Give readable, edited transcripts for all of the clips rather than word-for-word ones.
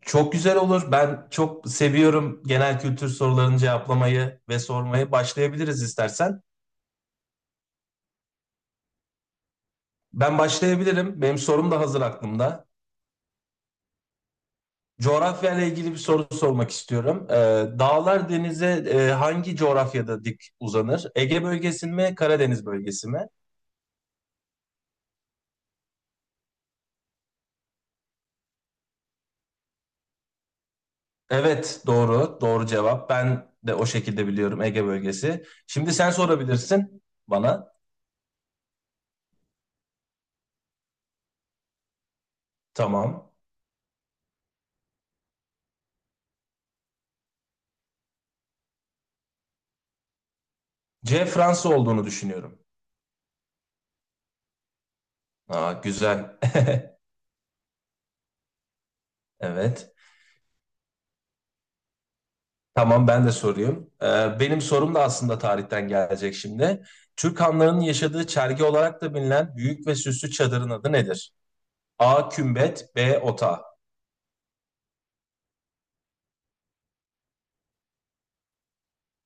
Çok güzel olur. Ben çok seviyorum genel kültür sorularını cevaplamayı ve sormayı. Başlayabiliriz istersen. Ben başlayabilirim. Benim sorum da hazır aklımda. Coğrafya ile ilgili bir soru sormak istiyorum. Dağlar denize hangi coğrafyada dik uzanır? Ege bölgesi mi, Karadeniz bölgesi mi? Evet, doğru. Doğru cevap. Ben de o şekilde biliyorum Ege bölgesi. Şimdi sen sorabilirsin bana. Tamam. C Fransa olduğunu düşünüyorum. Aa, güzel. Evet. Tamam ben de sorayım. Benim sorum da aslında tarihten gelecek şimdi. Türk hanlarının yaşadığı çergi olarak da bilinen büyük ve süslü çadırın adı nedir? A. Kümbet B. Ota.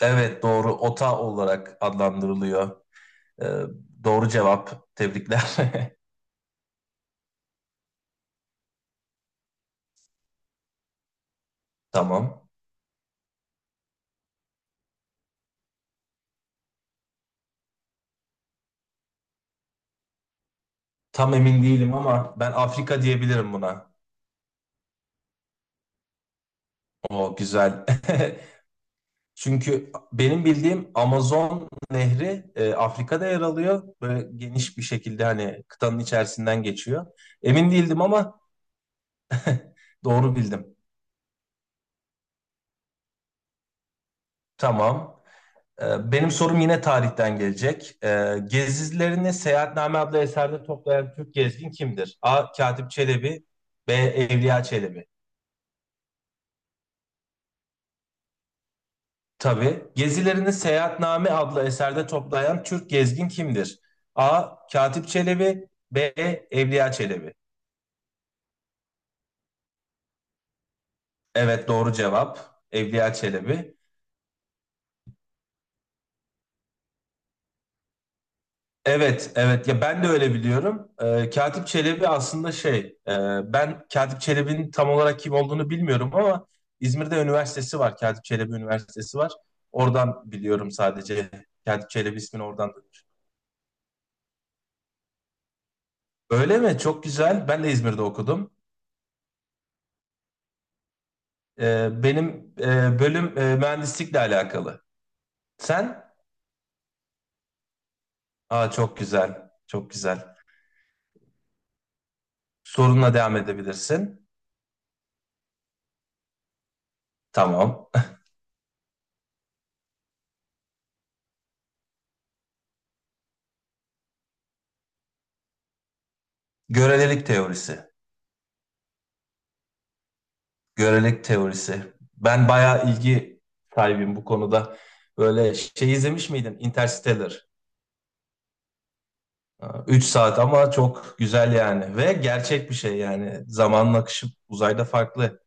Evet doğru, Ota olarak adlandırılıyor. Ee, doğru cevap. Tebrikler. Tamam. Tam emin değilim ama ben Afrika diyebilirim buna. O güzel. Çünkü benim bildiğim Amazon Nehri Afrika'da yer alıyor. Böyle geniş bir şekilde hani kıtanın içerisinden geçiyor. Emin değildim ama doğru bildim. Tamam. E, benim sorum yine tarihten gelecek. E, gezilerini Seyahatname adlı eserde toplayan Türk gezgin kimdir? A. Katip Çelebi B. Evliya Çelebi. Tabii. Gezilerini Seyahatname adlı eserde toplayan Türk gezgin kimdir? A. Katip Çelebi B. Evliya Çelebi. Evet doğru cevap. Evliya Çelebi. Evet, evet. Ya ben de öyle biliyorum. Katip Çelebi aslında e, ben Katip Çelebi'nin tam olarak kim olduğunu bilmiyorum ama İzmir'de üniversitesi var. Katip Çelebi Üniversitesi var. Oradan biliyorum sadece. Katip Çelebi ismini oradan duymuş. Öyle mi? Çok güzel. Ben de İzmir'de okudum. Benim bölüm mühendislikle alakalı. Sen? Aa çok güzel. Çok güzel. Sorunla devam edebilirsin. Tamam. Görelilik teorisi. Görelilik teorisi. Ben bayağı ilgi sahibim bu konuda. Böyle şey izlemiş miydin? Interstellar. 3 saat ama çok güzel yani. Ve gerçek bir şey yani. Zamanın akışı uzayda farklı.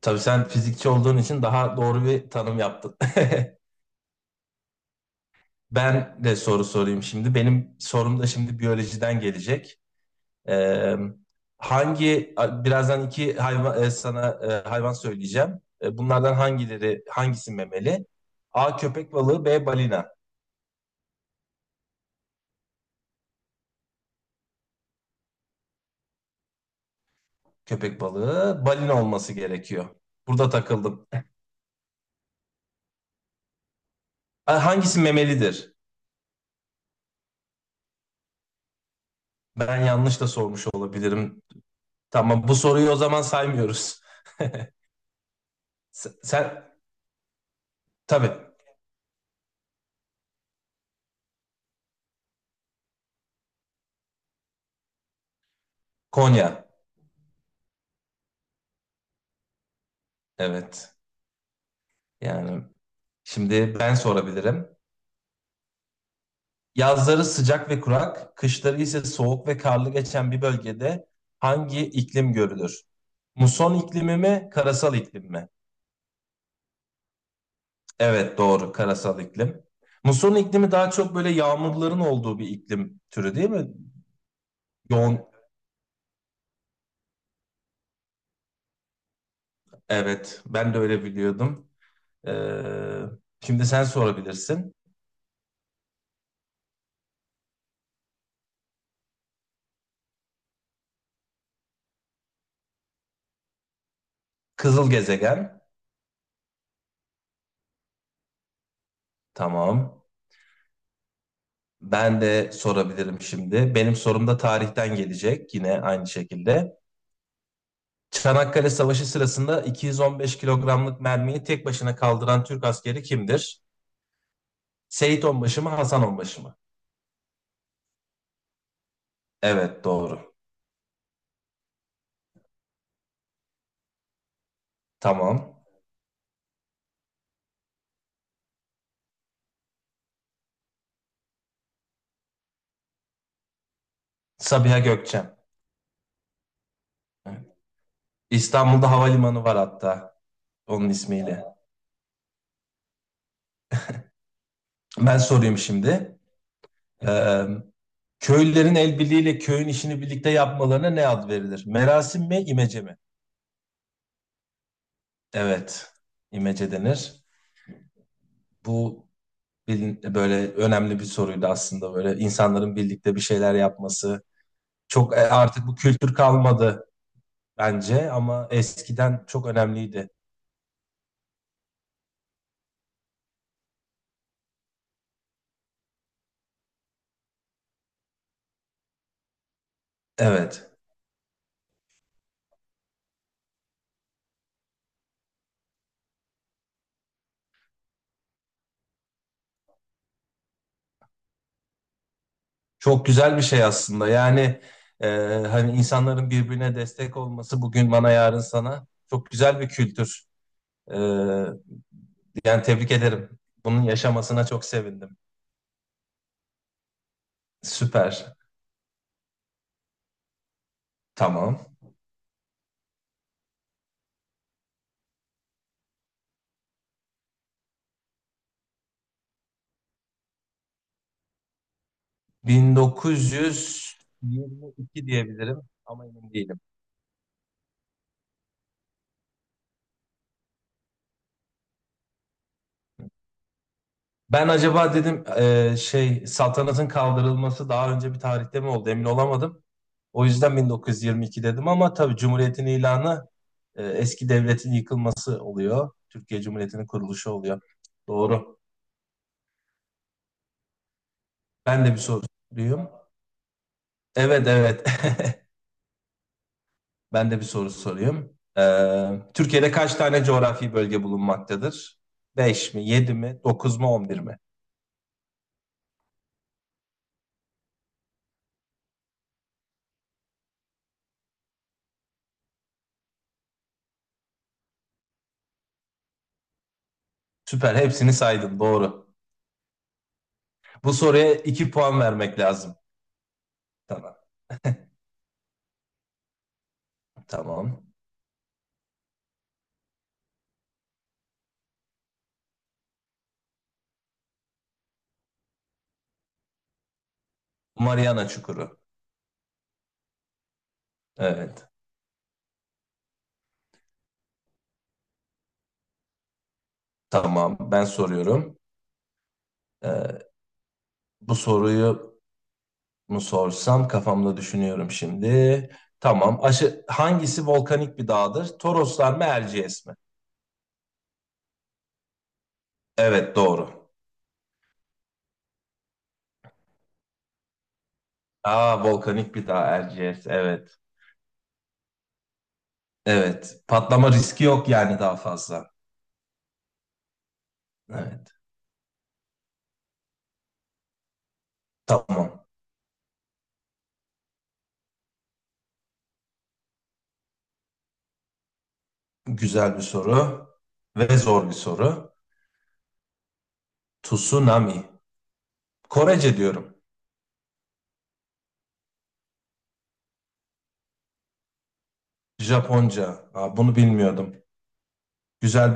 Tabii sen fizikçi olduğun için daha doğru bir tanım yaptın. Ben de soru sorayım şimdi. Benim sorum da şimdi biyolojiden gelecek. Ee, Hangi birazdan iki hayvan sana hayvan söyleyeceğim. E, bunlardan hangisi memeli? A köpek balığı, B balina. Köpek balığı, balina olması gerekiyor. Burada takıldım. A, hangisi memelidir? Ben yanlış da sormuş olabilirim. Tamam, bu soruyu o zaman saymıyoruz. Sen tabii Konya. Evet. Yani şimdi ben sorabilirim. Yazları sıcak ve kurak, kışları ise soğuk ve karlı geçen bir bölgede hangi iklim görülür? Muson iklimi mi, karasal iklim mi? Evet doğru, karasal iklim. Muson iklimi daha çok böyle yağmurların olduğu bir iklim türü değil mi? Yoğun, evet ben de öyle biliyordum. Ee, Şimdi sen sorabilirsin. Kızıl gezegen, tamam. Ben de sorabilirim şimdi. Benim sorum da tarihten gelecek yine aynı şekilde. Çanakkale Savaşı sırasında 215 kilogramlık mermiyi tek başına kaldıran Türk askeri kimdir? Seyit Onbaşı mı, Hasan Onbaşı mı? Evet, doğru. Tamam. Sabiha Gökçen. İstanbul'da havalimanı var hatta onun ismiyle. Ben sorayım şimdi. Ee, Köylülerin el birliğiyle köyün işini birlikte yapmalarına ne ad verilir? Merasim mi, imece mi? Evet, imece denir. Bu böyle önemli bir soruydu aslında, böyle insanların birlikte bir şeyler yapması. Çok artık bu kültür kalmadı bence, ama eskiden çok önemliydi. Evet. Çok güzel bir şey aslında. Yani e, hani insanların birbirine destek olması, bugün bana yarın sana, çok güzel bir kültür. E, yani tebrik ederim. Bunun yaşamasına çok sevindim. Süper. Tamam. 1922 diyebilirim ama emin değilim. Ben acaba dedim şey saltanatın kaldırılması daha önce bir tarihte mi oldu, emin olamadım. O yüzden 1922 dedim ama tabii Cumhuriyet'in ilanı, eski devletin yıkılması oluyor. Türkiye Cumhuriyeti'nin kuruluşu oluyor. Doğru. Ben de bir soru sorayım. Evet evet. Ben de bir soru sorayım. Türkiye'de kaç tane coğrafi bölge bulunmaktadır? 5 mi, 7 mi, 9 mu, On bir mi? Süper, hepsini saydın, doğru. Bu soruya 2 puan vermek lazım. Tamam, tamam. Mariana Çukuru. Evet, tamam. Ben soruyorum. Ee, Bu soruyu mı sorsam kafamda düşünüyorum şimdi. Tamam. Aşı, hangisi volkanik bir dağdır? Toroslar mı Erciyes mi? Evet doğru. Aa volkanik bir dağ Erciyes. Evet. Evet. Patlama riski yok yani daha fazla. Evet. Tamam. Güzel bir soru ve zor bir soru. Tsunami. Korece diyorum. Japonca. Aa, bunu bilmiyordum. Güzel